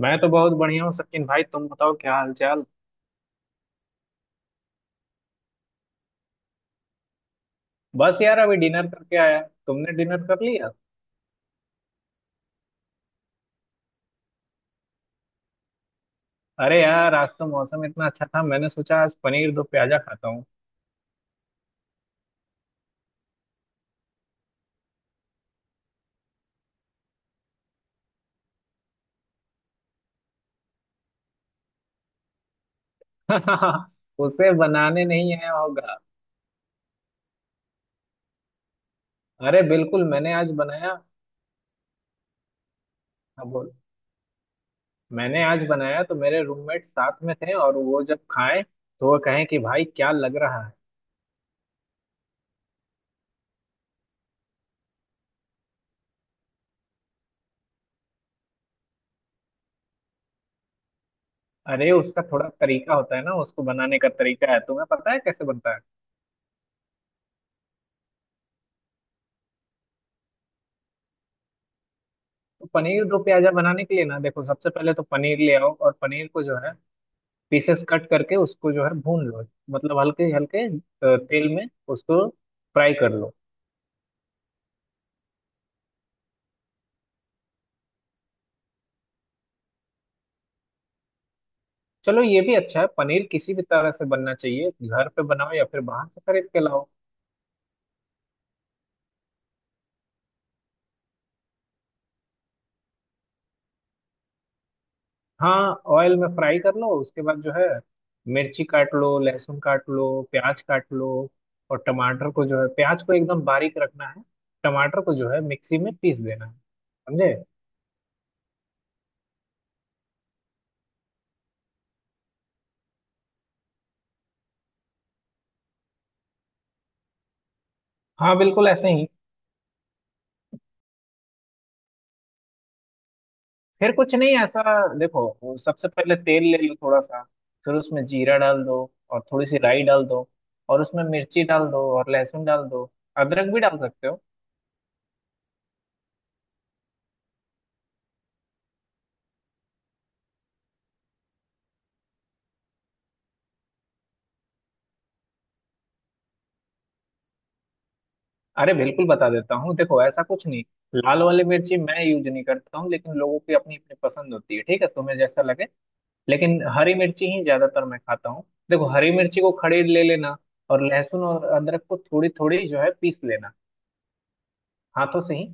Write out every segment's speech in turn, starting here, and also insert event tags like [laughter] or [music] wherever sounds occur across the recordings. मैं तो बहुत बढ़िया हूँ सचिन भाई। तुम बताओ क्या हाल चाल। बस यार अभी डिनर करके आया। तुमने डिनर कर लिया? अरे यार आज तो मौसम इतना अच्छा था, मैंने सोचा आज पनीर दो प्याजा खाता हूँ। [laughs] उसे बनाने नहीं आया होगा। अरे बिल्कुल, मैंने आज बनाया। हाँ बोल। मैंने आज बनाया तो मेरे रूममेट साथ में थे, और वो जब खाएं तो वो कहें कि भाई क्या लग रहा है। अरे उसका थोड़ा तरीका होता है ना, उसको बनाने का तरीका है। तुम्हें पता है कैसे बनता है? तो पनीर दो प्याजा बनाने के लिए ना देखो, सबसे पहले तो पनीर ले आओ और पनीर को जो है पीसेस कट करके उसको जो है भून लो। मतलब हल्के हल्के तेल में उसको फ्राई कर लो। चलो ये भी अच्छा है, पनीर किसी भी तरह से बनना चाहिए, घर पे बनाओ या फिर बाहर से खरीद के लाओ। हाँ, ऑयल में फ्राई कर लो। उसके बाद जो है मिर्ची काट लो, लहसुन काट लो, प्याज काट लो। और टमाटर को जो है, प्याज को एकदम बारीक रखना है। टमाटर को जो है मिक्सी में पीस देना है। समझे? हाँ बिल्कुल ऐसे ही। फिर कुछ नहीं ऐसा, देखो वो सबसे पहले तेल ले लो थोड़ा सा। फिर उसमें जीरा डाल दो, और थोड़ी सी राई डाल दो, और उसमें मिर्ची डाल दो और लहसुन डाल दो। अदरक भी डाल सकते हो। अरे बिल्कुल बता देता हूँ, देखो ऐसा कुछ नहीं। लाल वाली मिर्ची मैं यूज नहीं करता हूँ, लेकिन लोगों की अपनी अपनी पसंद होती है, ठीक है तुम्हें जैसा लगे। लेकिन हरी मिर्ची ही ज्यादातर मैं खाता हूँ। देखो, हरी मिर्ची को खड़े ले लेना, और लहसुन और अदरक को थोड़ी थोड़ी जो है पीस लेना, हाथों से ही।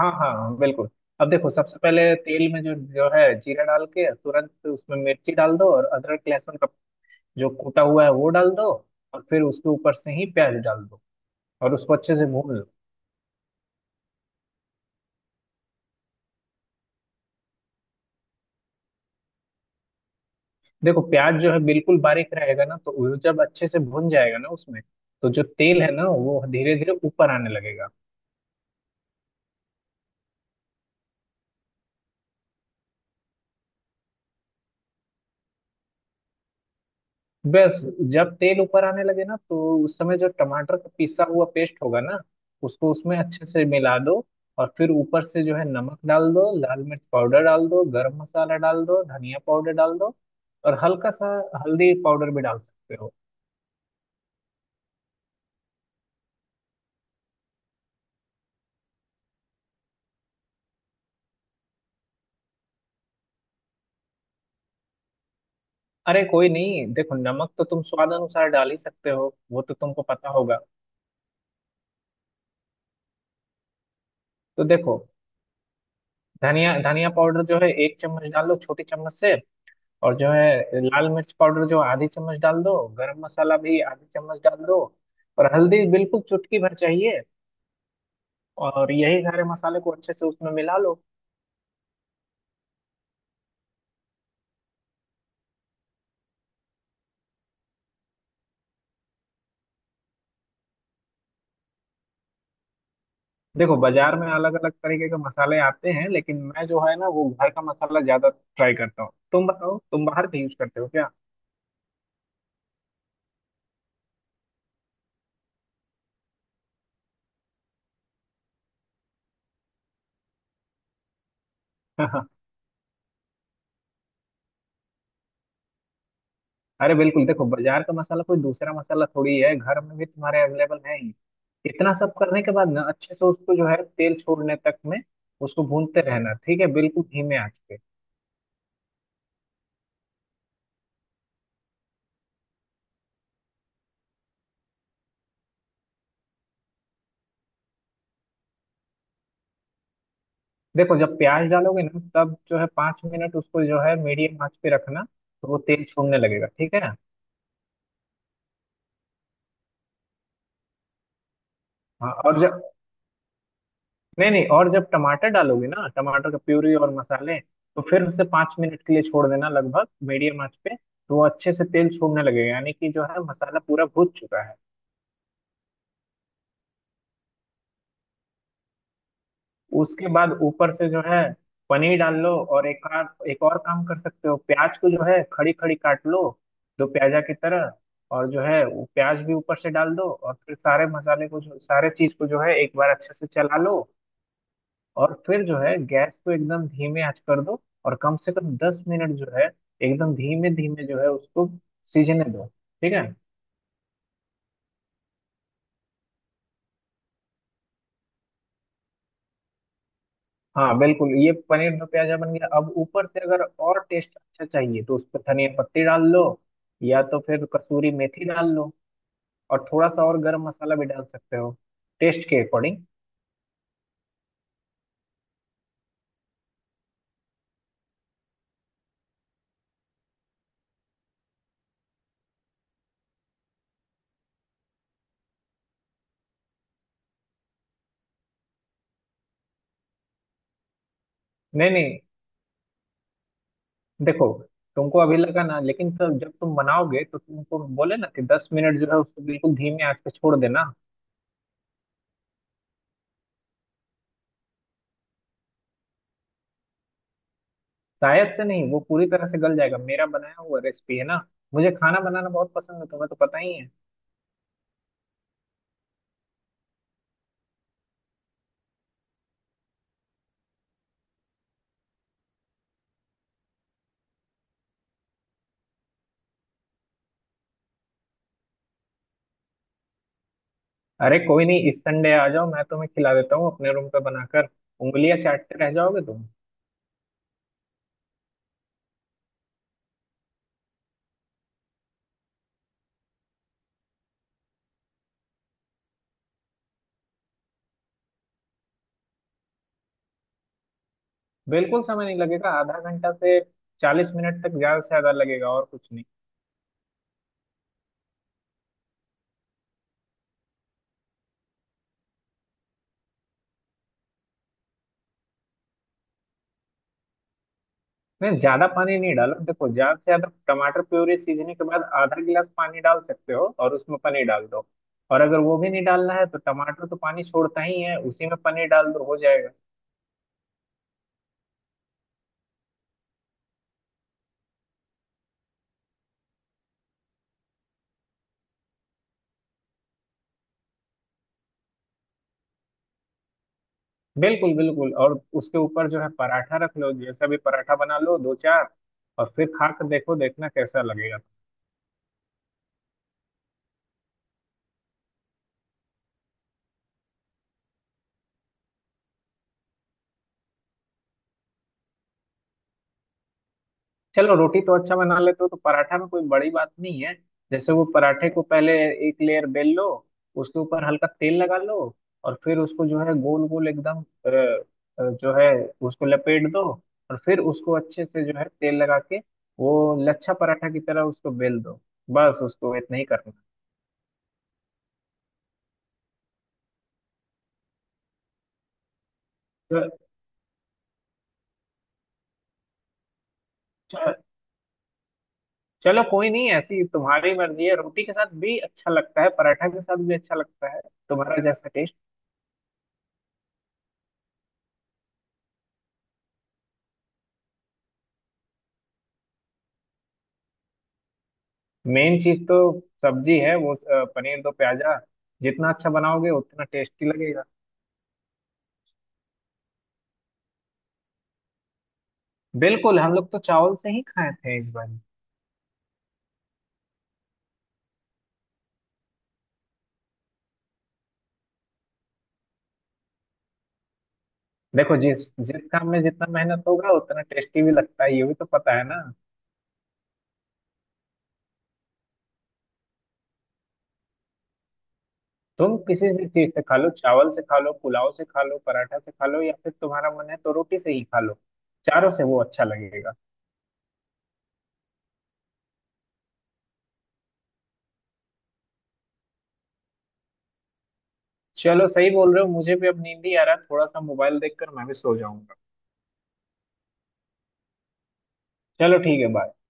हाँ हाँ हाँ, बिल्कुल। अब देखो, सबसे पहले तेल में जो जो है जीरा डाल के तुरंत उसमें मिर्ची डाल दो, और अदरक लहसुन का जो कूटा हुआ है वो डाल दो। और फिर उसके ऊपर से ही प्याज डाल दो और उसको अच्छे से भून लो। देखो प्याज जो है बिल्कुल बारीक रहेगा ना, तो वो जब अच्छे से भून जाएगा ना उसमें, तो जो तेल है ना वो धीरे धीरे ऊपर आने लगेगा। बस, जब तेल ऊपर आने लगे ना तो उस समय जो टमाटर का पिसा हुआ पेस्ट होगा ना, उसको उसमें अच्छे से मिला दो। और फिर ऊपर से जो है नमक डाल दो, लाल मिर्च पाउडर डाल दो, गरम मसाला डाल दो, धनिया पाउडर डाल दो, और हल्का सा हल्दी पाउडर भी डाल सकते हो। अरे कोई नहीं, देखो नमक तो तुम स्वाद अनुसार डाल ही सकते हो, वो तो तुमको पता होगा। तो देखो, धनिया धनिया पाउडर जो है एक चम्मच डालो छोटी चम्मच से। और जो है लाल मिर्च पाउडर जो आधी चम्मच डाल दो। गरम मसाला भी आधी चम्मच डाल दो। और हल्दी बिल्कुल चुटकी भर चाहिए। और यही सारे मसाले को अच्छे से उसमें मिला लो। देखो बाजार में अलग अलग तरीके के मसाले आते हैं, लेकिन मैं जो है ना वो घर का मसाला ज्यादा ट्राई करता हूँ। तुम बताओ तुम बाहर का यूज करते हो क्या? [laughs] अरे बिल्कुल, देखो बाजार का मसाला कोई दूसरा मसाला थोड़ी है, घर में भी तुम्हारे अवेलेबल है ही। इतना सब करने के बाद ना अच्छे से उसको जो है तेल छोड़ने तक में उसको भूनते रहना, ठीक है, बिल्कुल धीमे आंच पे। देखो, जब प्याज डालोगे ना तब जो है 5 मिनट उसको जो है मीडियम आंच पे रखना, तो वो तेल छोड़ने लगेगा, ठीक है। हाँ, और जब, नहीं नहीं, और जब टमाटर डालोगे ना, टमाटर का प्यूरी और मसाले, तो फिर उसे 5 मिनट के लिए छोड़ देना लगभग मीडियम आंच पे, तो वो अच्छे से तेल छोड़ने लगेगा, यानी कि जो है मसाला पूरा भून चुका है। उसके बाद ऊपर से जो है पनीर डाल लो। और एक आध एक और काम कर सकते हो, प्याज को जो है खड़ी खड़ी काट लो दो प्याजा की तरह, और जो है वो प्याज भी ऊपर से डाल दो। और फिर सारे मसाले को, जो सारे चीज को जो है, एक बार अच्छे से चला लो। और फिर जो है गैस को एकदम धीमे आंच कर दो, और कम से कम 10 मिनट जो है एकदम धीमे धीमे जो है उसको सीजने दो, ठीक है। हाँ बिल्कुल, ये पनीर दो प्याजा बन गया। अब ऊपर से अगर और टेस्ट अच्छा चाहिए तो उस पर धनिया पत्ती डाल लो, या तो फिर कसूरी मेथी डाल लो, और थोड़ा सा और गरम मसाला भी डाल सकते हो टेस्ट के अकॉर्डिंग। नहीं नहीं, देखो तुमको अभी लगा ना, लेकिन तब जब तुम बनाओगे तो तुमको बोले ना कि 10 मिनट जो है उसको बिल्कुल धीमे आंच पे छोड़ देना। शायद से नहीं, वो पूरी तरह से गल जाएगा, मेरा बनाया हुआ रेसिपी है ना। मुझे खाना बनाना बहुत पसंद है, तुम्हें तो पता ही है। अरे कोई नहीं, इस संडे आ जाओ, मैं तुम्हें खिला देता हूँ अपने रूम पे बनाकर। उंगलियां चाटते रह जाओगे तुम। बिल्कुल समय नहीं लगेगा, आधा घंटा से 40 मिनट तक ज्यादा से ज्यादा लगेगा और कुछ नहीं। नहीं, ज्यादा पानी नहीं डालो, देखो ज्यादा से ज्यादा टमाटर प्यूरी सीजने के बाद आधा गिलास पानी डाल सकते हो और उसमें पनीर डाल दो। और अगर वो भी नहीं डालना है तो टमाटर तो पानी छोड़ता ही है, उसी में पनीर डाल दो, हो जाएगा। बिल्कुल बिल्कुल। और उसके ऊपर जो है पराठा रख लो, जैसा भी पराठा बना लो दो चार, और फिर खा कर देखो, देखना कैसा लगेगा। चलो, रोटी तो अच्छा बना लेते हो तो पराठा में कोई बड़ी बात नहीं है। जैसे वो पराठे को पहले एक लेयर बेल लो, उसके ऊपर हल्का तेल लगा लो, और फिर उसको जो है गोल गोल एकदम जो है उसको लपेट दो। और फिर उसको अच्छे से जो है तेल लगा के वो लच्छा पराठा की तरह उसको बेल दो। बस उसको इतना ही करना। च- च- चलो कोई नहीं, ऐसी तुम्हारी मर्जी है, रोटी के साथ भी अच्छा लगता है, पराठा के साथ भी अच्छा लगता है, तुम्हारा जैसा। मेन चीज तो सब्जी है, वो पनीर दो प्याजा। जितना अच्छा बनाओगे उतना टेस्टी लगेगा। बिल्कुल, हम लोग तो चावल से ही खाए थे इस बार। देखो, जिस जिस काम में जितना मेहनत होगा उतना टेस्टी भी लगता है, ये भी तो पता है ना। तुम किसी भी चीज से खा लो, चावल से खा लो, पुलाव से खा लो, पराठा से खा लो, या फिर तुम्हारा मन है तो रोटी से ही खा लो। चारों से वो अच्छा लगेगा। चलो सही बोल रहे हो, मुझे भी अब नींद ही आ रहा है, थोड़ा सा मोबाइल देखकर मैं भी सो जाऊंगा। चलो ठीक है, बाय।